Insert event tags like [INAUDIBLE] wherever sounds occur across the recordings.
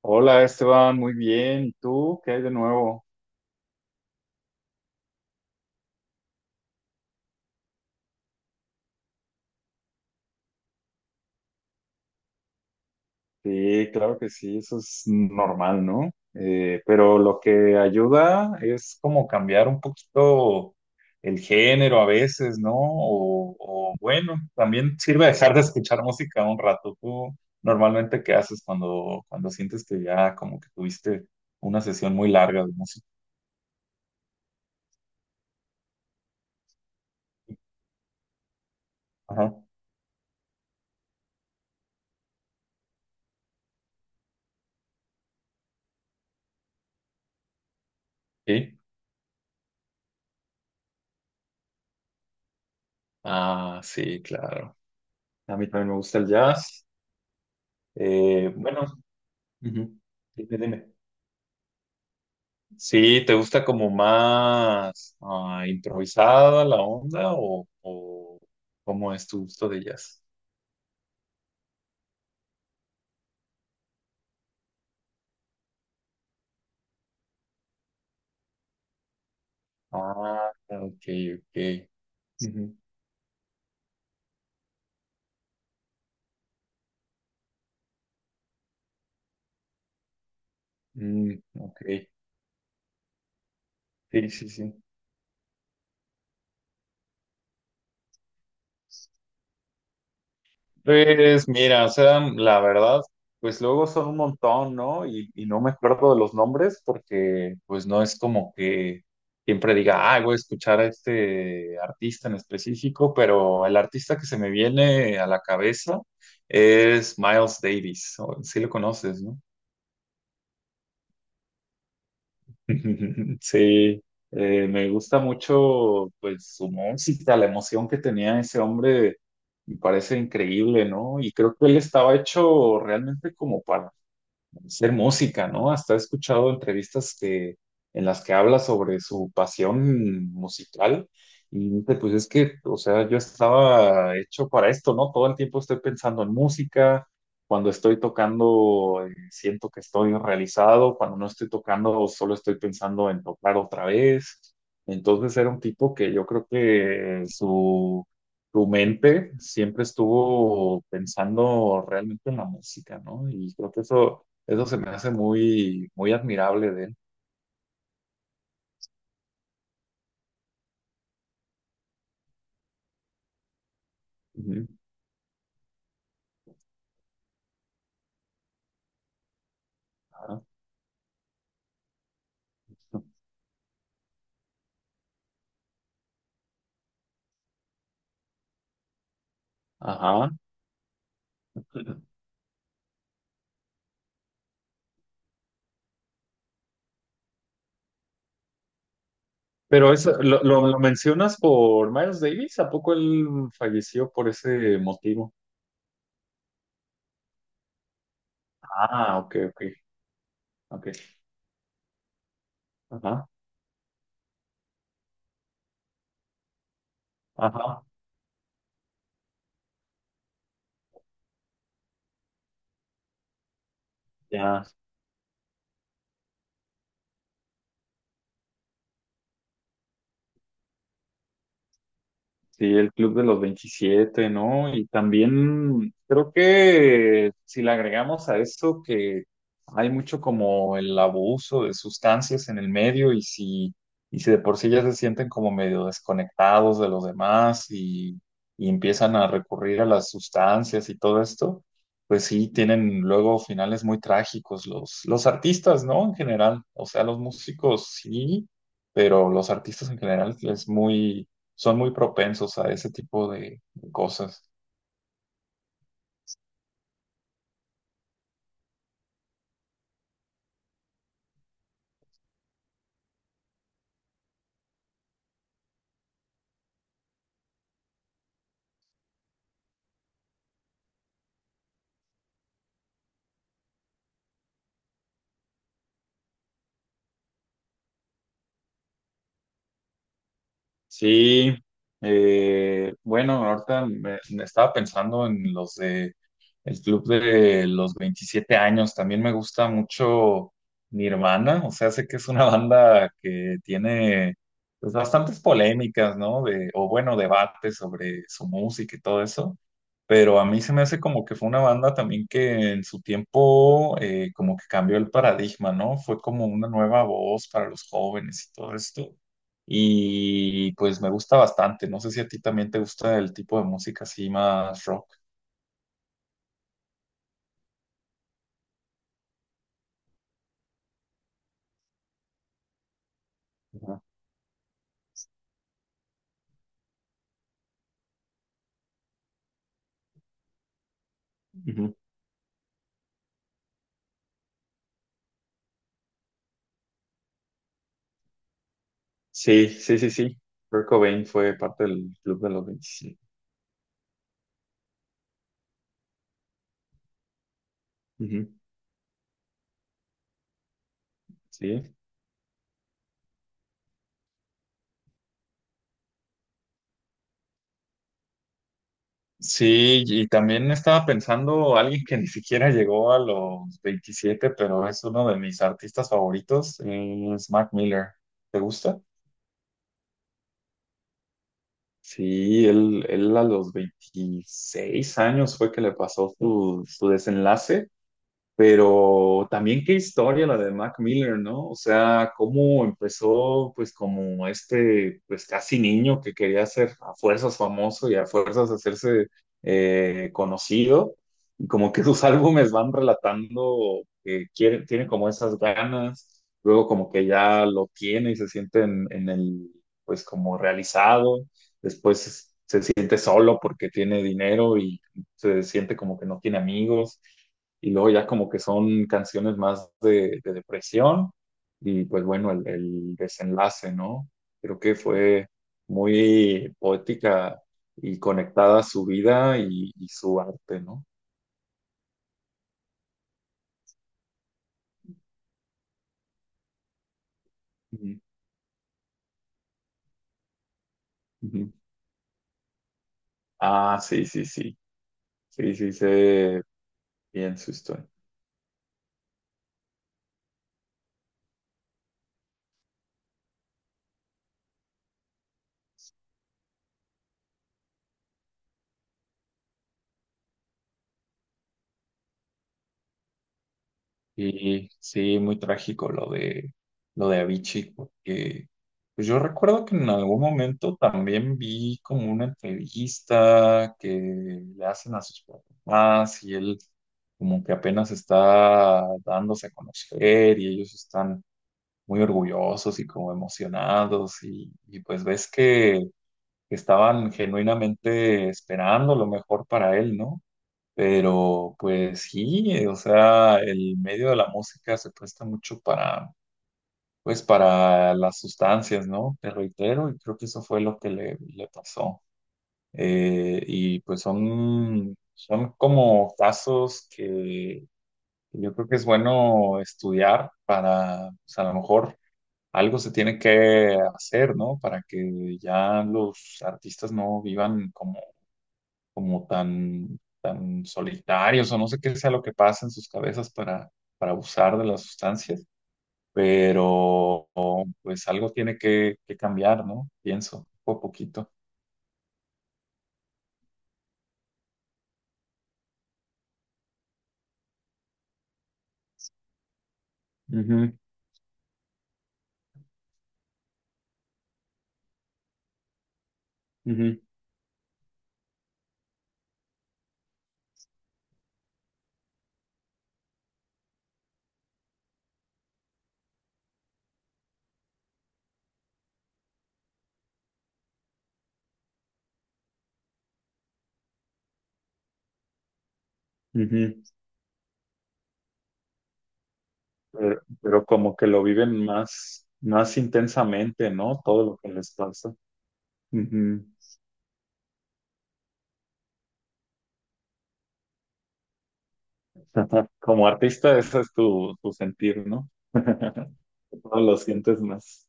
Hola Esteban, muy bien. ¿Y tú? ¿Qué hay de nuevo? Sí, claro que sí, eso es normal, ¿no? Pero lo que ayuda es como cambiar un poquito el género a veces, ¿no? O bueno, también sirve dejar de escuchar música un rato. ¿Tú normalmente qué haces cuando sientes que ya como que tuviste una sesión muy larga de música? Ajá. ¿Sí? Ah, sí, claro. A mí también me gusta el jazz. Bueno. Ujú. Dime, dime. Sí, ¿te gusta como más improvisada la onda o cómo es tu gusto de jazz? Ah, ok, ok. Ujú. Mm, ok, sí, sí, sí. Pues mira, o sea, la verdad, pues luego son un montón, ¿no? Y no me acuerdo de los nombres porque pues no es como que siempre diga, ah, voy a escuchar a este artista en específico, pero el artista que se me viene a la cabeza es Miles Davis, sí lo conoces, ¿no? [LAUGHS] Sí, me gusta mucho pues su música, la emoción que tenía ese hombre, me parece increíble, ¿no? Y creo que él estaba hecho realmente como para ser música, ¿no? Hasta he escuchado en las que habla sobre su pasión musical y dice, pues es que, o sea, yo estaba hecho para esto, ¿no? Todo el tiempo estoy pensando en música, cuando estoy tocando siento que estoy realizado, cuando no estoy tocando solo estoy pensando en tocar otra vez. Entonces era un tipo que yo creo que su mente siempre estuvo pensando realmente en la música, ¿no? Y creo que eso se me hace muy, muy admirable de él. Ujú. Ajá. Ajá. Pero eso, lo mencionas por Miles Davis, ¿a poco él falleció por ese motivo? Ah, ok, ok, ok. Ajá, ajá, ya. Sí, el Club de los 27, ¿no? Y también creo que si le agregamos a eso que hay mucho como el abuso de sustancias en el medio y si de por sí ya se sienten como medio desconectados de los demás y empiezan a recurrir a las sustancias y todo esto, pues sí, tienen luego finales muy trágicos los artistas, ¿no? En general, o sea, los músicos sí, pero los artistas en general es muy son muy propensos a ese tipo de cosas. Sí, bueno, ahorita me estaba pensando en los de el club de los 27 años. También me gusta mucho Nirvana, o sea, sé que es una [LAUGHS] banda que tiene pues, bastantes polémicas, ¿no? O bueno, debates sobre su música y todo eso. Pero a mí se me hace como que fue una banda también que en su tiempo como que cambió el paradigma, ¿no? Fue como una nueva voz para los jóvenes y todo esto y pues me gusta bastante. No sé si a ti también te gusta el tipo de música así más rock. Ajá. Ujú. Sí, sí, sí, sí. Kurt Cobain fue parte del Club de los 27. Ujú. Sí. Sí, y también estaba pensando alguien que ni siquiera llegó a los 27 pero es uno de mis artistas favoritos, es Mac Miller. ¿Te gusta? Sí, él a los 26 años fue que le pasó su desenlace. Pero también qué historia la de Mac Miller, ¿no? O sea, cómo empezó pues como este pues casi niño que quería ser a fuerzas famoso y a fuerzas hacerse conocido. Y como que [LAUGHS] sus álbumes van relatando que quiere, tiene como esas ganas, luego como que ya lo tiene y se siente en el pues como realizado, después se siente solo porque tiene dinero y se siente como que no tiene amigos y luego ya como que son canciones más de depresión y pues bueno, el desenlace, ¿no? Creo que fue muy poética y conectada a su vida y su arte, ¿no? Ujú, ujú. Ah, sí, sí, sí, sí, sí, sé bien su historia. Sí, sí, muy trágico lo de Avicii, porque pues yo recuerdo que en algún momento también vi como una entrevista que le hacen a sus papás y él como que apenas está dándose a conocer y ellos están muy orgullosos y como emocionados y pues ves que estaban genuinamente esperando lo mejor para él, ¿no? Pero pues sí, o sea, el medio de la música se presta mucho para, pues, para las sustancias, ¿no? Te reitero, y creo que eso fue lo que le pasó. Y pues son como casos que yo creo que es bueno estudiar para, pues a lo mejor algo se tiene que hacer, ¿no? Para que ya los artistas no vivan como tan solitarios o no sé qué sea lo que pasa en sus cabezas para abusar de las sustancias, pero pues algo tiene que cambiar, ¿no? Pienso, poco a poquito. Ujú, ujú, ujú. Pero como que lo viven más, más intensamente, ¿no? Todo lo que les pasa. Ujú. [LAUGHS] Como artista, ese es tu sentir, ¿no? [LAUGHS] Todo lo sientes más.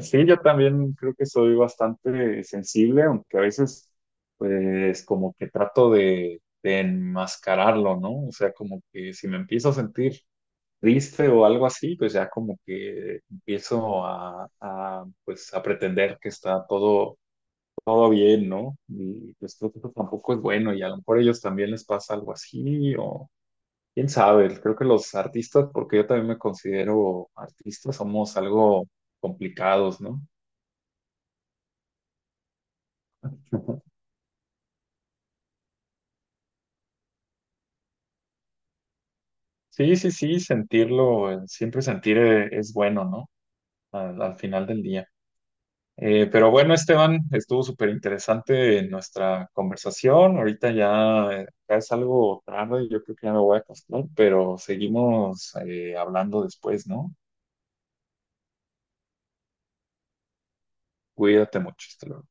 Sí, yo también creo que soy bastante sensible, aunque a veces, pues, como que trato de enmascararlo, ¿no? O sea, como que si me empiezo a sentir triste o algo así, pues ya como que empiezo pues, a pretender que está todo, todo bien, ¿no? Y pues creo que eso tampoco es bueno y a lo mejor a ellos también les pasa algo así o... Quién sabe, creo que los artistas, porque yo también me considero artista, somos algo complicados, ¿no? [LAUGHS] Sí, sí, sí, sentirlo, siempre sentir es bueno, ¿no? Al final del día. Pero bueno, Esteban, estuvo súper interesante nuestra conversación. Ahorita ya, ya es algo tarde, yo creo que ya me voy a acostar, pero seguimos hablando después, ¿no? Cuídate mucho, hasta luego.